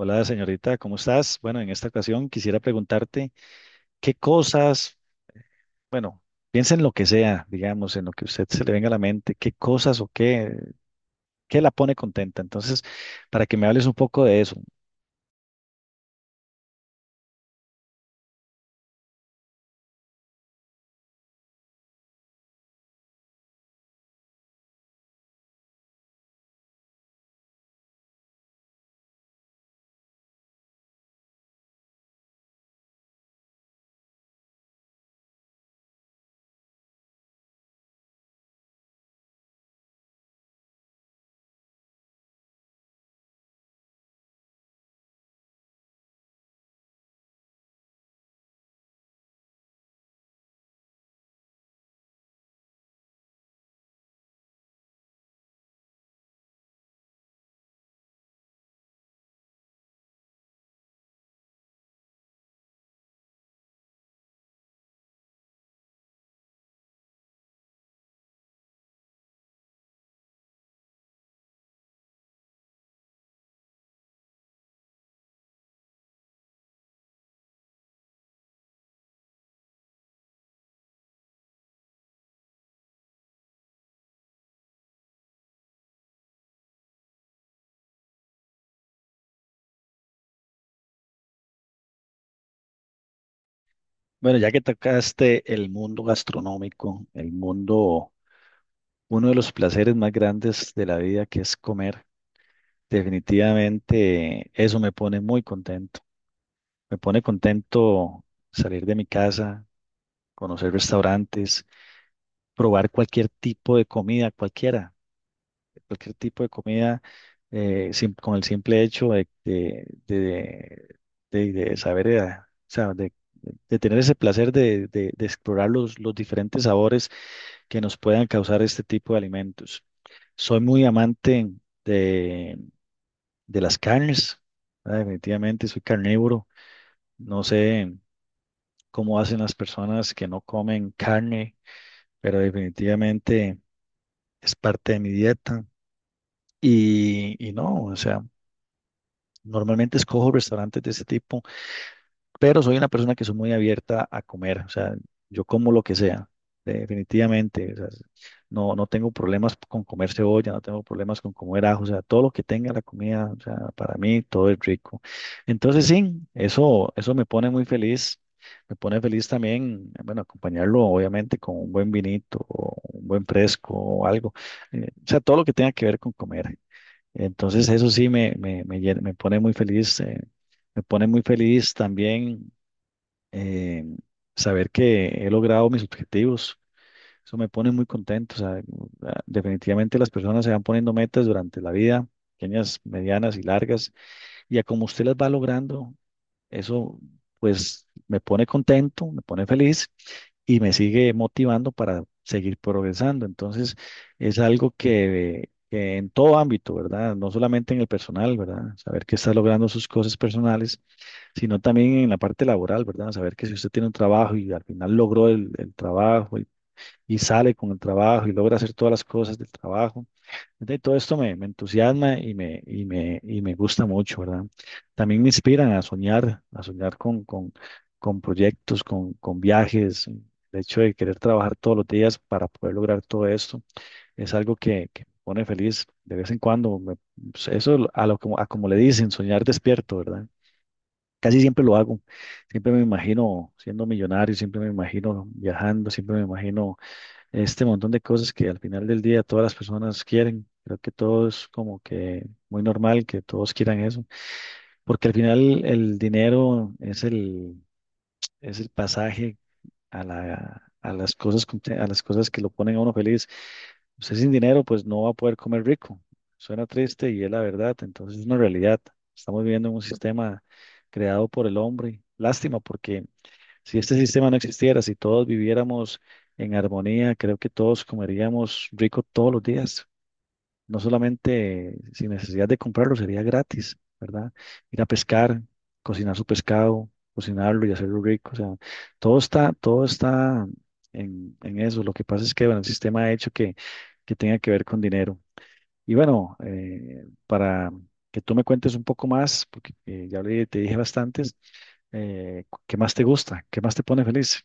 Hola, señorita, ¿cómo estás? Bueno, en esta ocasión quisiera preguntarte qué cosas, bueno, piensa en lo que sea, digamos, en lo que a usted se le venga a la mente, qué cosas o qué, qué la pone contenta. Entonces, para que me hables un poco de eso. Bueno, ya que tocaste el mundo gastronómico, el mundo, uno de los placeres más grandes de la vida que es comer, definitivamente eso me pone muy contento. Me pone contento salir de mi casa, conocer restaurantes, probar cualquier tipo de comida, cualquiera, cualquier tipo de comida, con el simple hecho de saber, o sea, de, tener ese placer de explorar los diferentes sabores que nos puedan causar este tipo de alimentos. Soy muy amante de, de las carnes, ¿verdad? Definitivamente soy carnívoro. No sé cómo hacen las personas que no comen carne, pero definitivamente es parte de mi dieta. Y no, o sea, normalmente escojo restaurantes de ese tipo, pero soy una persona que soy muy abierta a comer, o sea, yo como lo que sea, definitivamente, o sea, no tengo problemas con comer cebolla, no tengo problemas con comer ajo, o sea, todo lo que tenga la comida, o sea, para mí todo es rico. Entonces sí, eso me pone muy feliz, me pone feliz también, bueno, acompañarlo obviamente con un buen vinito, o un buen fresco o algo, o sea, todo lo que tenga que ver con comer. Entonces eso sí me pone muy feliz, me pone muy feliz también, eh, saber que he logrado mis objetivos. Eso me pone muy contento. O sea, definitivamente las personas se van poniendo metas durante la vida, pequeñas, medianas y largas, y a como usted las va logrando, eso pues me pone contento, me pone feliz y me sigue motivando para seguir progresando. Entonces es algo que en todo ámbito, ¿verdad? No solamente en el personal, ¿verdad? Saber que está logrando sus cosas personales, sino también en la parte laboral, ¿verdad? Saber que si usted tiene un trabajo y al final logró el trabajo y sale con el trabajo y logra hacer todas las cosas del trabajo, de todo esto me entusiasma y me gusta mucho, ¿verdad? También me inspiran a soñar con proyectos, con viajes. El hecho de querer trabajar todos los días para poder lograr todo esto es algo que me pone feliz de vez en cuando. Pues eso, a como le dicen, soñar despierto, ¿verdad? Casi siempre lo hago. Siempre me imagino siendo millonario, siempre me imagino viajando, siempre me imagino este montón de cosas que al final del día todas las personas quieren. Creo que todo es como que muy normal que todos quieran eso, porque al final el dinero es el pasaje a la, a las cosas, a las cosas que lo ponen a uno feliz. Usted sin dinero pues no va a poder comer rico. Suena triste y es la verdad, entonces es una realidad. Estamos viviendo en un sistema creado por el hombre. Lástima porque si este sistema no existiera, si todos viviéramos en armonía, creo que todos comeríamos rico todos los días, no solamente sin necesidad de comprarlo, sería gratis, ¿verdad? Ir a pescar, cocinar su pescado, cocinarlo y hacerlo rico, o sea, todo está en eso. Lo que pasa es que, bueno, el sistema ha hecho que tenga que ver con dinero. Y bueno, para que tú me cuentes un poco más, porque te dije bastantes, ¿qué más te gusta? ¿Qué más te pone feliz?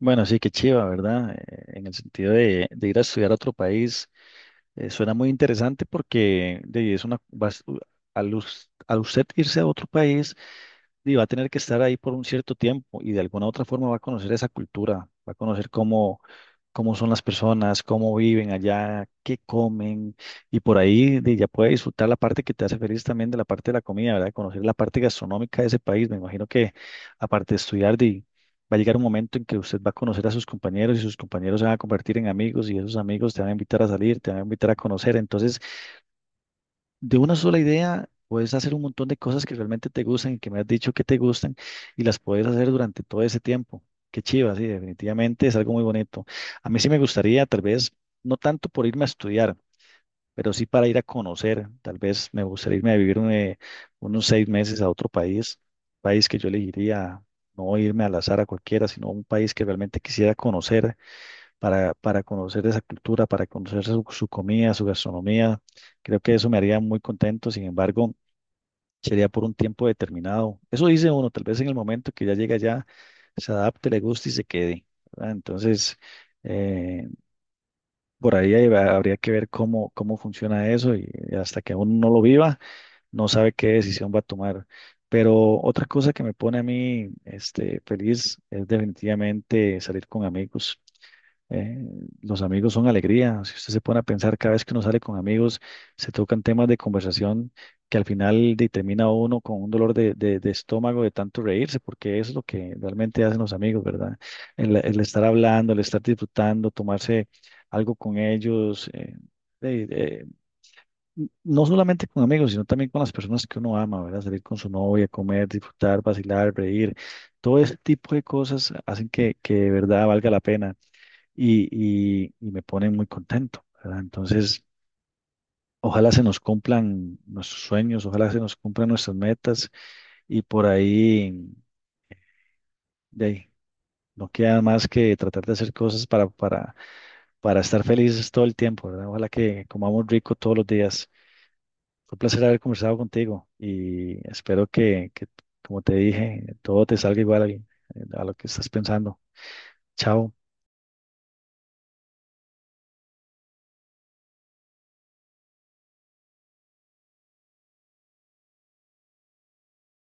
Bueno, sí, qué chiva, ¿verdad? En el sentido de ir a estudiar a otro país, suena muy interesante porque de, es una, vas- u- al, us- al usted irse a otro país, y va a tener que estar ahí por un cierto tiempo y de alguna otra forma va a conocer esa cultura, va a conocer cómo, cómo son las personas, cómo viven allá, qué comen, y por ahí ya puedes disfrutar la parte que te hace feliz también de la parte de la comida, ¿verdad? Conocer la parte gastronómica de ese país. Me imagino que aparte de estudiar, va a llegar un momento en que usted va a conocer a sus compañeros y sus compañeros se van a convertir en amigos y esos amigos te van a invitar a salir, te van a invitar a conocer. Entonces, de una sola idea puedes hacer un montón de cosas que realmente te gustan y que me has dicho que te gustan y las puedes hacer durante todo ese tiempo. Qué chiva, sí, definitivamente es algo muy bonito. A mí sí me gustaría, tal vez, no tanto por irme a estudiar, pero sí para ir a conocer. Tal vez me gustaría irme a vivir unos 6 meses a otro país, país que yo elegiría, no irme al azar a cualquiera, sino un país que realmente quisiera conocer para conocer esa cultura, para conocer su, su comida, su gastronomía. Creo que eso me haría muy contento. Sin embargo, sería por un tiempo determinado. Eso dice uno, tal vez en el momento que ya llega allá, se adapte, le guste y se quede, ¿verdad? Entonces, eh, por ahí habría que ver cómo, cómo funciona eso y hasta que uno no lo viva, no sabe qué decisión va a tomar. Pero otra cosa que me pone a mí, este, feliz es definitivamente salir con amigos. Eh, los amigos son alegría. Si usted se pone a pensar, cada vez que uno sale con amigos, se tocan temas de conversación que al final termina uno con un dolor de estómago de tanto reírse, porque eso es lo que realmente hacen los amigos, ¿verdad? El estar hablando, el estar disfrutando, tomarse algo con ellos. Eh, eh, no solamente con amigos, sino también con las personas que uno ama, ¿verdad? Salir con su novia, comer, disfrutar, vacilar, reír. Todo ese tipo de cosas hacen que de verdad valga la pena y me pone muy contento, ¿verdad? Entonces, ojalá se nos cumplan nuestros sueños, ojalá se nos cumplan nuestras metas y por ahí, de ahí, no queda más que tratar de hacer cosas para estar felices todo el tiempo, ¿verdad? Ojalá que comamos rico todos los días. Fue un placer haber conversado contigo y espero que, como te dije, todo te salga igual a lo que estás pensando. Chao.